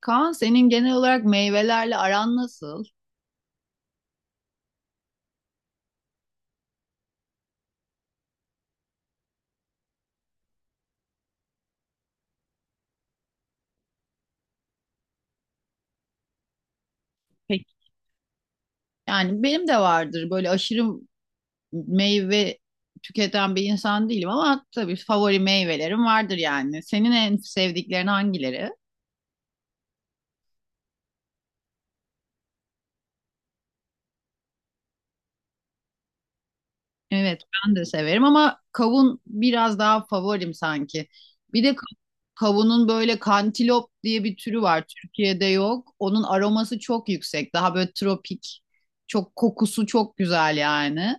Kaan senin genel olarak meyvelerle aran nasıl? Peki. Yani benim de vardır böyle aşırı meyve tüketen bir insan değilim ama tabii favori meyvelerim vardır yani. Senin en sevdiklerin hangileri? Evet, ben de severim ama kavun biraz daha favorim sanki. Bir de kavunun böyle kantilop diye bir türü var. Türkiye'de yok. Onun aroması çok yüksek. Daha böyle tropik. Çok kokusu çok güzel yani.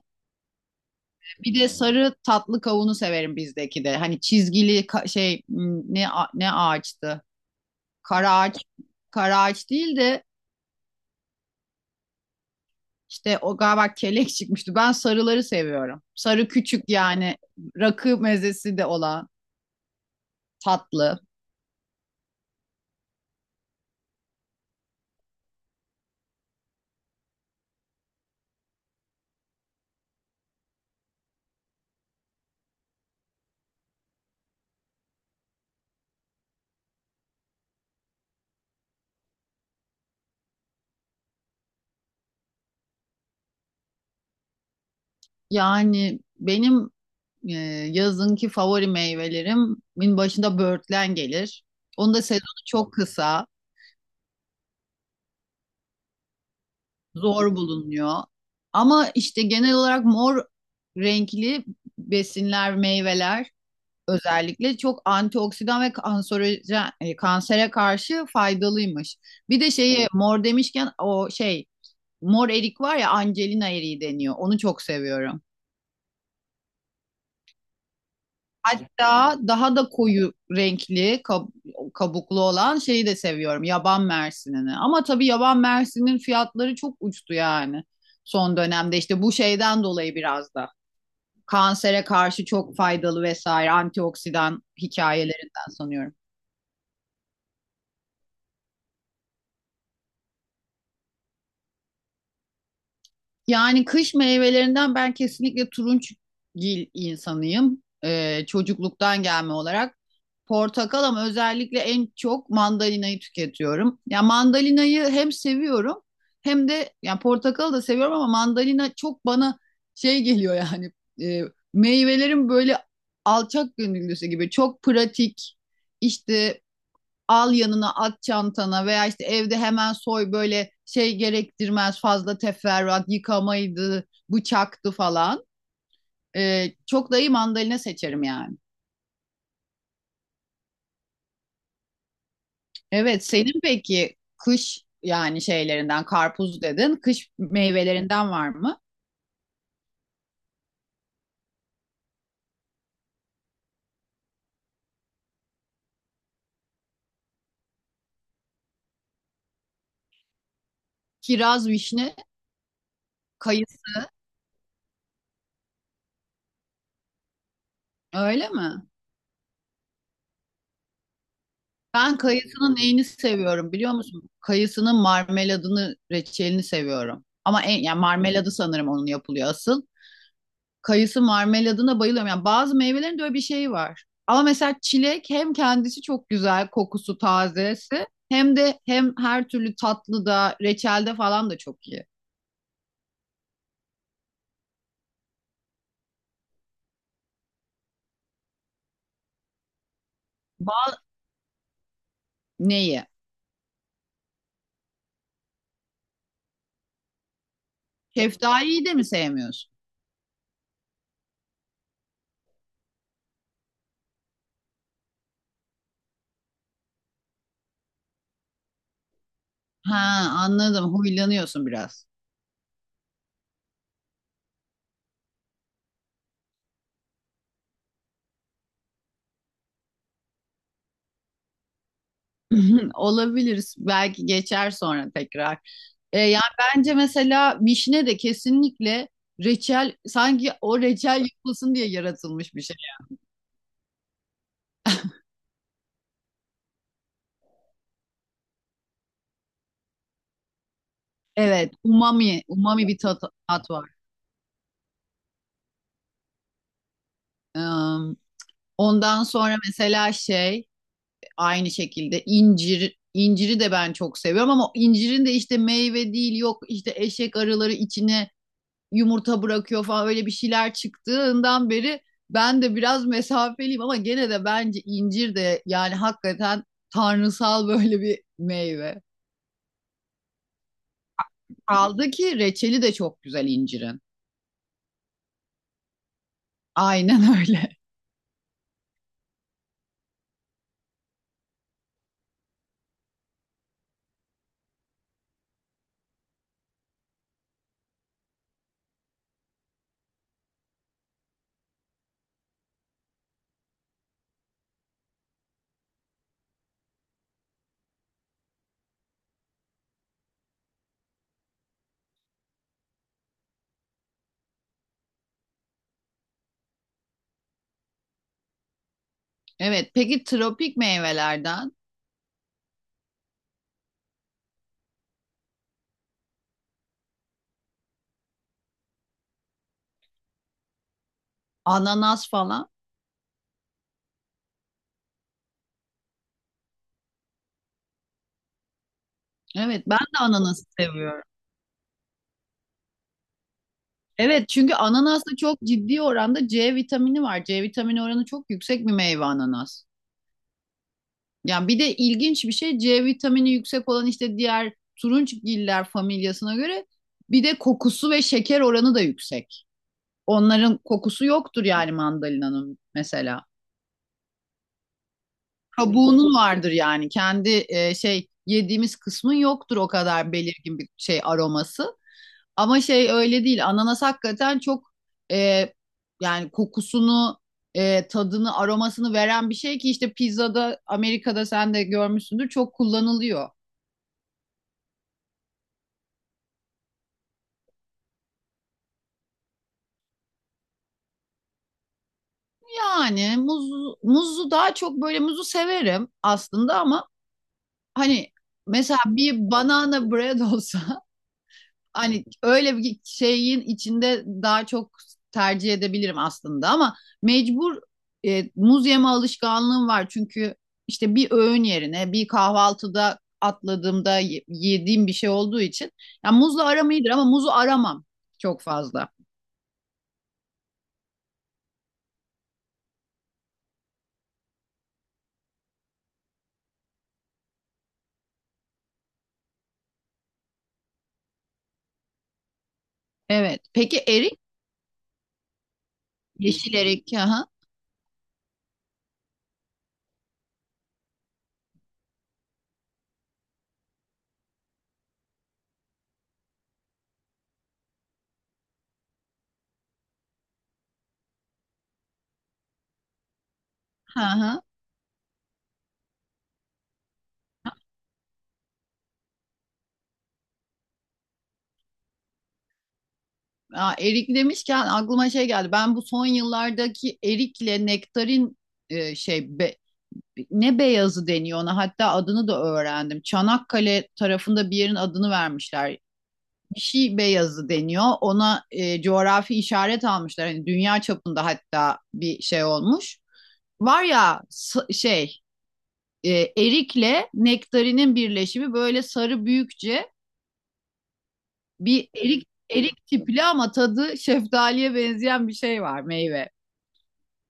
Bir de sarı tatlı kavunu severim bizdeki de. Hani çizgili ne ağaçtı? Kara ağaç, kara ağaç değil de işte o galiba kelek çıkmıştı. Ben sarıları seviyorum. Sarı küçük yani rakı mezesi de olan tatlı. Yani benim e, yazınki favori meyvelerimin başında böğürtlen gelir. Onun da sezonu çok kısa. Zor bulunuyor. Ama işte genel olarak mor renkli besinler, meyveler özellikle çok antioksidan ve kanserojen, kansere karşı faydalıymış. Bir de şeyi mor demişken o şey mor erik var ya, Angelina eriği deniyor. Onu çok seviyorum. Hatta daha da koyu renkli kabuklu olan şeyi de seviyorum. Yaban mersinini. Ama tabii yaban mersinin fiyatları çok uçtu yani. Son dönemde işte bu şeyden dolayı biraz da. Kansere karşı çok faydalı vesaire antioksidan hikayelerinden sanıyorum. Yani kış meyvelerinden ben kesinlikle turunçgil insanıyım. Çocukluktan gelme olarak. Portakal ama özellikle en çok mandalinayı tüketiyorum. Ya mandalinayı hem seviyorum hem de yani portakalı da seviyorum ama mandalina çok bana şey geliyor yani, e, meyvelerin böyle alçak gönüllüsü gibi çok pratik, işte al yanına at çantana veya işte evde hemen soy böyle şey gerektirmez fazla teferruat yıkamaydı bıçaktı falan. Çok dayı mandalina seçerim yani. Evet, senin peki kış yani şeylerinden karpuz dedin, kış meyvelerinden var mı? Kiraz, vişne, kayısı. Öyle mi? Ben kayısının neyini seviyorum biliyor musun? Kayısının marmeladını, reçelini seviyorum. Ama en, yani marmeladı sanırım onun yapılıyor asıl. Kayısı marmeladına bayılıyorum. Yani bazı meyvelerin de öyle bir şeyi var. Ama mesela çilek hem kendisi çok güzel kokusu tazesi hem de hem her türlü tatlıda reçelde falan da çok iyi. Ba- Neyi? Şeftaliyi de mi sevmiyorsun? Ha, anladım. Huylanıyorsun biraz. Olabilir. Belki geçer sonra tekrar. Yani bence mesela vişne de kesinlikle reçel, sanki o reçel yapılsın diye yaratılmış bir şey. Evet, umami, umami bir tat, tat var. Em, Ondan sonra mesela şey, aynı şekilde incir, inciri de ben çok seviyorum ama incirin de işte meyve değil, yok işte eşek arıları içine yumurta bırakıyor falan öyle bir şeyler çıktığından beri ben de biraz mesafeliyim ama gene de bence incir de yani hakikaten tanrısal böyle bir meyve. Kaldı ki reçeli de çok güzel incirin. Aynen öyle. Evet, peki tropik meyvelerden ananas falan. Evet, ben de ananası seviyorum. Evet çünkü ananasta çok ciddi oranda C vitamini var. C vitamini oranı çok yüksek bir meyve ananas. Yani bir de ilginç bir şey, C vitamini yüksek olan işte diğer turunçgiller familyasına göre bir de kokusu ve şeker oranı da yüksek. Onların kokusu yoktur yani mandalinanın mesela. Kabuğunun vardır yani kendi, şey yediğimiz kısmın yoktur o kadar belirgin bir şey aroması. Ama şey öyle değil. Ananas hakikaten çok, e, yani kokusunu, tadını, aromasını veren bir şey ki işte pizzada Amerika'da sen de görmüşsündür çok kullanılıyor. Yani muzu daha çok böyle muzu severim aslında ama hani mesela bir banana bread olsa hani öyle bir şeyin içinde daha çok tercih edebilirim aslında ama mecbur, muz yeme alışkanlığım var çünkü işte bir öğün yerine bir kahvaltıda atladığımda yediğim bir şey olduğu için yani muzla aram iyidir ama muzu aramam çok fazla. Evet. Peki erik, yeşil erik. Aha. Aha. Aa, erik demişken aklıma şey geldi. Ben bu son yıllardaki erikle nektarin, e, şey be- ne beyazı deniyor ona, hatta adını da öğrendim. Çanakkale tarafında bir yerin adını vermişler. Bir şey beyazı deniyor. Ona coğrafi işaret almışlar. Hani dünya çapında hatta bir şey olmuş. Var ya şey, e, erikle nektarinin birleşimi böyle sarı büyükçe bir erik tipli ama tadı şeftaliye benzeyen bir şey var, meyve.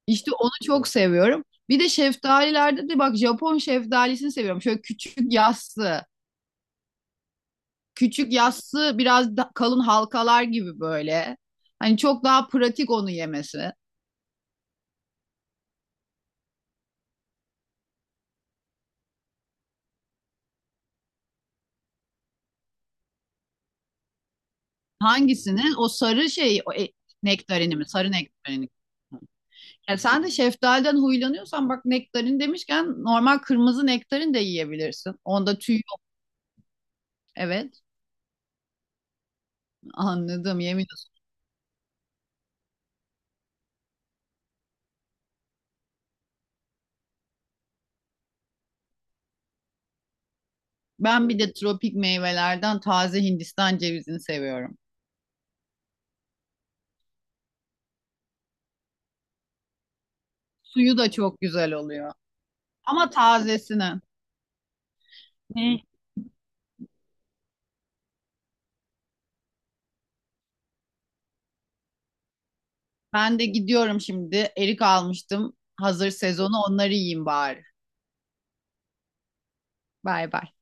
İşte onu çok seviyorum. Bir de şeftalilerde de bak Japon şeftalisini seviyorum. Şöyle küçük yassı. Küçük yassı kalın halkalar gibi böyle. Hani çok daha pratik onu yemesi. Hangisini? O sarı şey, o nektarini mi? Sarı nektarini. Ya sen de şeftaliden huylanıyorsan bak, nektarin demişken normal kırmızı nektarin de yiyebilirsin. Onda tüy yok. Evet, anladım yemin olsun. Ben bir de tropik meyvelerden taze Hindistan cevizini seviyorum. Suyu da çok güzel oluyor. Ama tazesini. Hı. Ben de gidiyorum şimdi. Erik almıştım. Hazır sezonu onları yiyeyim bari. Bay bay.